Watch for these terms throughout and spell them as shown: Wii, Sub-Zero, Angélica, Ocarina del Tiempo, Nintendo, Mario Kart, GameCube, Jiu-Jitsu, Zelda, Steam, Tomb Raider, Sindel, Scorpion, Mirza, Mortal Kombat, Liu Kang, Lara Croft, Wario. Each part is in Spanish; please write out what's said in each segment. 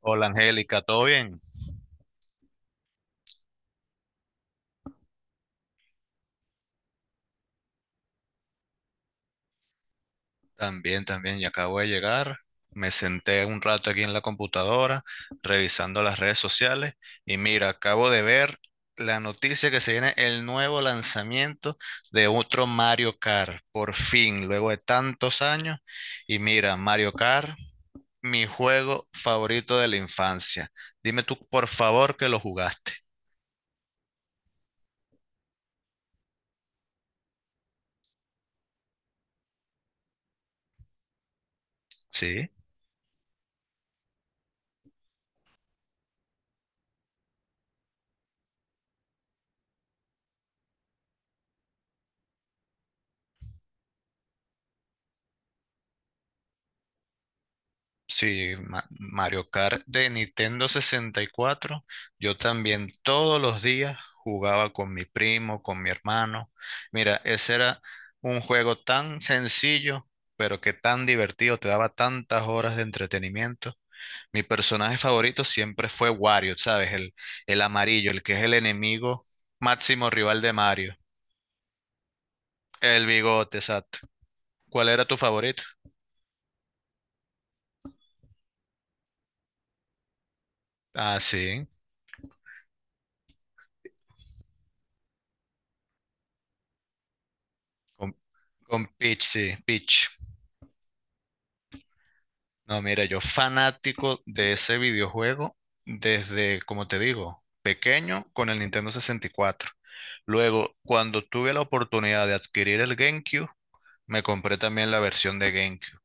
Hola Angélica, ¿todo bien? También, también, ya acabo de llegar. Me senté un rato aquí en la computadora revisando las redes sociales y mira, acabo de ver la noticia que se viene el nuevo lanzamiento de otro Mario Kart, por fin, luego de tantos años. Y mira, Mario Kart, mi juego favorito de la infancia. Dime tú, por favor, que lo jugaste. ¿Sí? Sí, Mario Kart de Nintendo 64. Yo también todos los días jugaba con mi primo, con mi hermano. Mira, ese era un juego tan sencillo, pero que tan divertido, te daba tantas horas de entretenimiento. Mi personaje favorito siempre fue Wario, ¿sabes? El amarillo, el que es el enemigo máximo rival de Mario. El bigote, exacto. ¿Cuál era tu favorito? Ah, sí, con, con Peach, sí, Peach. No, mira, yo fanático de ese videojuego desde, como te digo, pequeño con el Nintendo 64. Luego, cuando tuve la oportunidad de adquirir el GameCube, me compré también la versión de GameCube.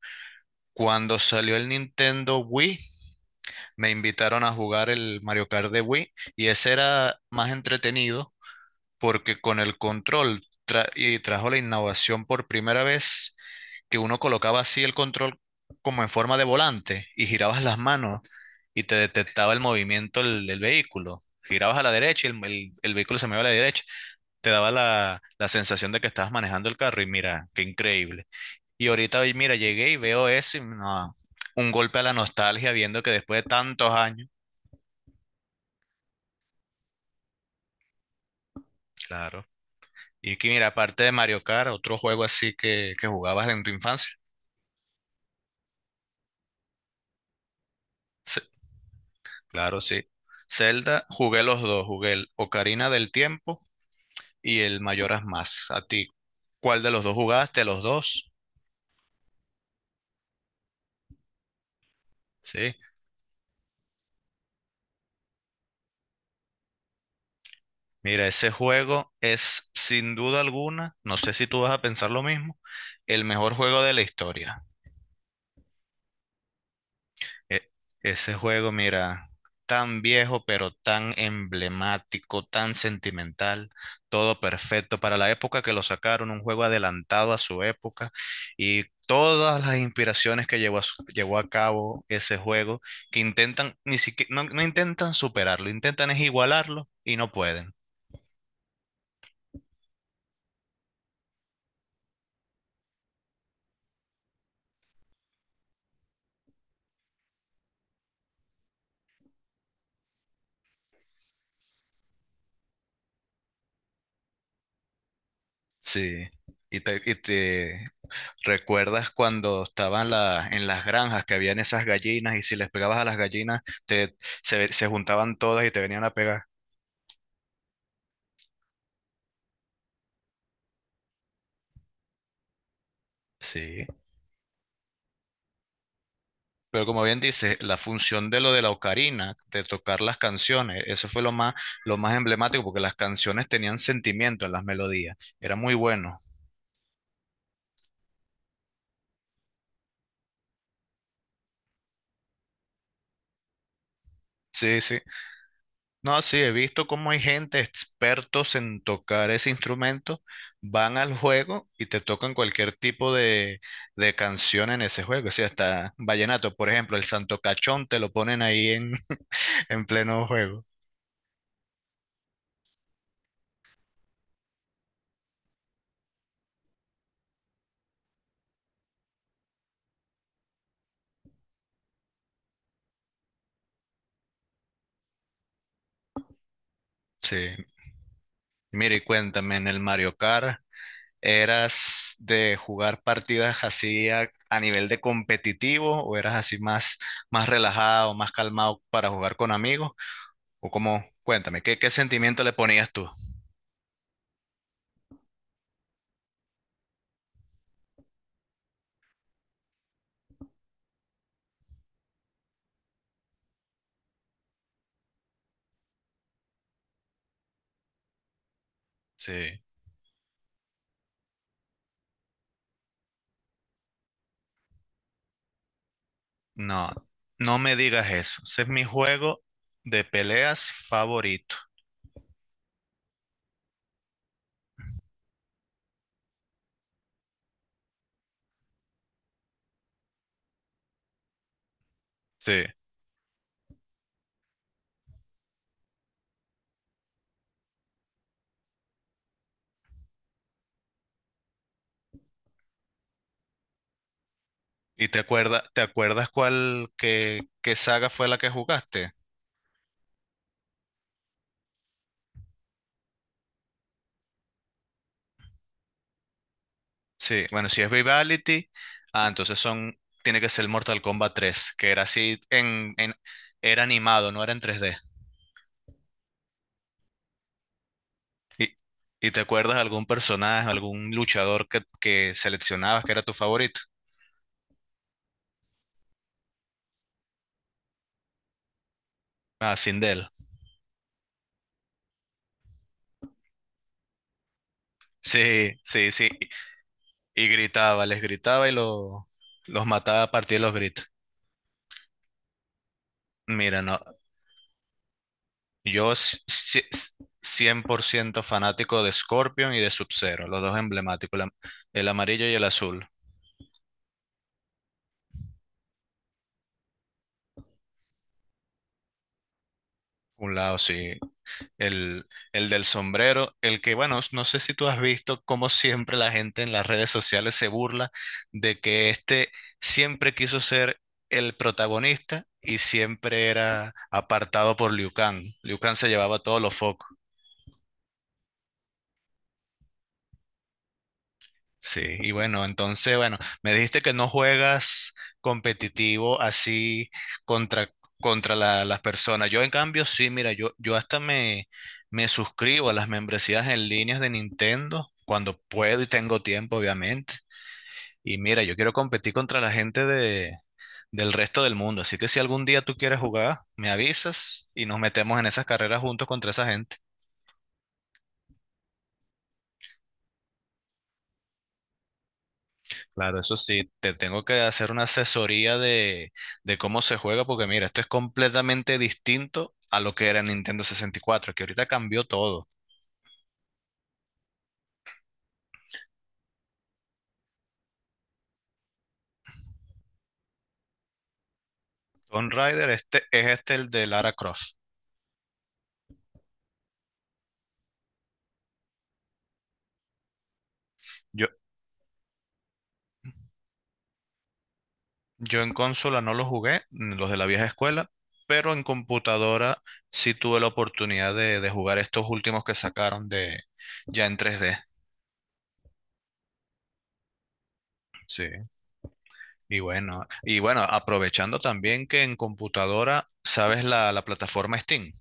Cuando salió el Nintendo Wii, me invitaron a jugar el Mario Kart de Wii y ese era más entretenido porque con el control y trajo la innovación por primera vez que uno colocaba así el control como en forma de volante y girabas las manos y te detectaba el movimiento del vehículo. Girabas a la derecha y el vehículo se movía a la derecha. Te daba la sensación de que estabas manejando el carro y mira, qué increíble. Y ahorita, hoy, mira, llegué y veo eso y no, un golpe a la nostalgia viendo que después de tantos años, claro. Y que mira, aparte de Mario Kart, otro juego así que jugabas en tu infancia. Sí, claro, sí. Zelda, jugué los dos, jugué el Ocarina del Tiempo y el mayoras más. A ti, ¿cuál de los dos jugaste? Los dos, ¿sí? Mira, ese juego es sin duda alguna, no sé si tú vas a pensar lo mismo, el mejor juego de la historia. E- Ese juego, mira, tan viejo, pero tan emblemático, tan sentimental, todo perfecto para la época que lo sacaron, un juego adelantado a su época y todas las inspiraciones que llevó a, llevó a cabo ese juego, que intentan, ni siquiera, no, no intentan superarlo, intentan es igualarlo y no pueden. Sí, y te ¿recuerdas cuando estaban en las granjas que habían esas gallinas y si les pegabas a las gallinas se juntaban todas y te venían a pegar? Sí. Pero como bien dices, la función de lo de la ocarina, de tocar las canciones, eso fue lo más emblemático porque las canciones tenían sentimiento en las melodías. Era muy bueno. Sí, sí. No, sí, he visto cómo hay gente expertos en tocar ese instrumento, van al juego y te tocan cualquier tipo de canción en ese juego. O sea, hasta vallenato, por ejemplo, el Santo Cachón te lo ponen ahí en, en pleno juego. Sí. Mira, y cuéntame, en el Mario Kart, ¿eras de jugar partidas así a nivel de competitivo o eras así más relajado, más calmado para jugar con amigos? O cómo, cuéntame, ¿qué sentimiento le ponías tú? Sí. No, no me digas eso. Ese es mi juego de peleas favorito. Sí. ¿Y te acuerdas qué saga fue la que jugaste? Sí, bueno, si es Vivality, ah, entonces son, tiene que ser Mortal Kombat 3, que era así era animado, no era en 3D. ¿Y, y te acuerdas algún personaje, algún luchador que seleccionabas que era tu favorito? Ah, Sindel. Sí, sí, sí. Y gritaba, les gritaba y los mataba a partir de los gritos. Mira, no, yo s- si- s- 100% fanático de Scorpion y de Sub-Zero, los dos emblemáticos, el amarillo y el azul. Un lado, sí, el, el del sombrero, el que, bueno, no sé si tú has visto cómo siempre la gente en las redes sociales se burla de que este siempre quiso ser el protagonista y siempre era apartado por Liu Kang. Liu Kang se llevaba todos los focos. Sí, y bueno, entonces, bueno, me dijiste que no juegas competitivo así contra, las personas. Yo en cambio sí, mira, yo hasta me suscribo a las membresías en líneas de Nintendo cuando puedo y tengo tiempo, obviamente. Y mira, yo quiero competir contra la gente del resto del mundo. Así que si algún día tú quieres jugar, me avisas y nos metemos en esas carreras juntos contra esa gente. Claro, eso sí, te tengo que hacer una asesoría de cómo se juega, porque mira, esto es completamente distinto a lo que era Nintendo 64, que ahorita cambió todo. Tomb Raider, este es este el de Lara Croft. Yo, yo en consola no lo jugué, los de la vieja escuela, pero en computadora sí tuve la oportunidad de jugar estos últimos que sacaron de ya en 3D. Sí, y bueno, aprovechando también que en computadora, ¿sabes la plataforma Steam?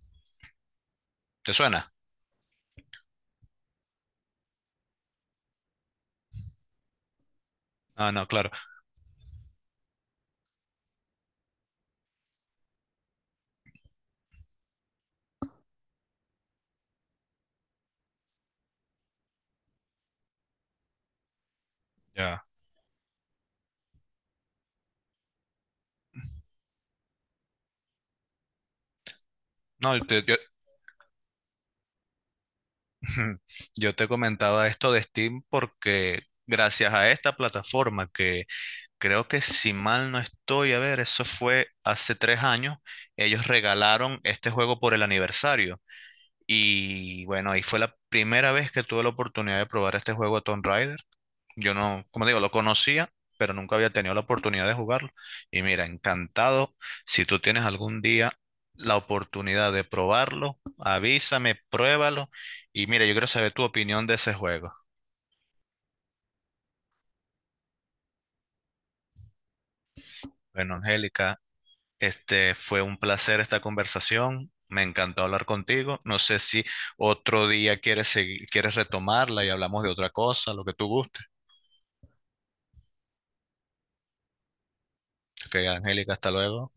¿Te suena? Ah, no, claro. Ya. No, yo, yo te comentaba esto de Steam porque gracias a esta plataforma que creo que si mal no estoy, a ver, eso fue hace 3 años, ellos regalaron este juego por el aniversario. Y bueno, ahí fue la primera vez que tuve la oportunidad de probar este juego Tomb Raider. Yo no, como digo, lo conocía, pero nunca había tenido la oportunidad de jugarlo. Y mira, encantado. Si tú tienes algún día la oportunidad de probarlo, avísame, pruébalo. Y mira, yo quiero saber tu opinión de ese juego. Bueno, Angélica, este fue un placer esta conversación. Me encantó hablar contigo. No sé si otro día quieres retomarla y hablamos de otra cosa, lo que tú gustes. Ok, Angélica, hasta luego.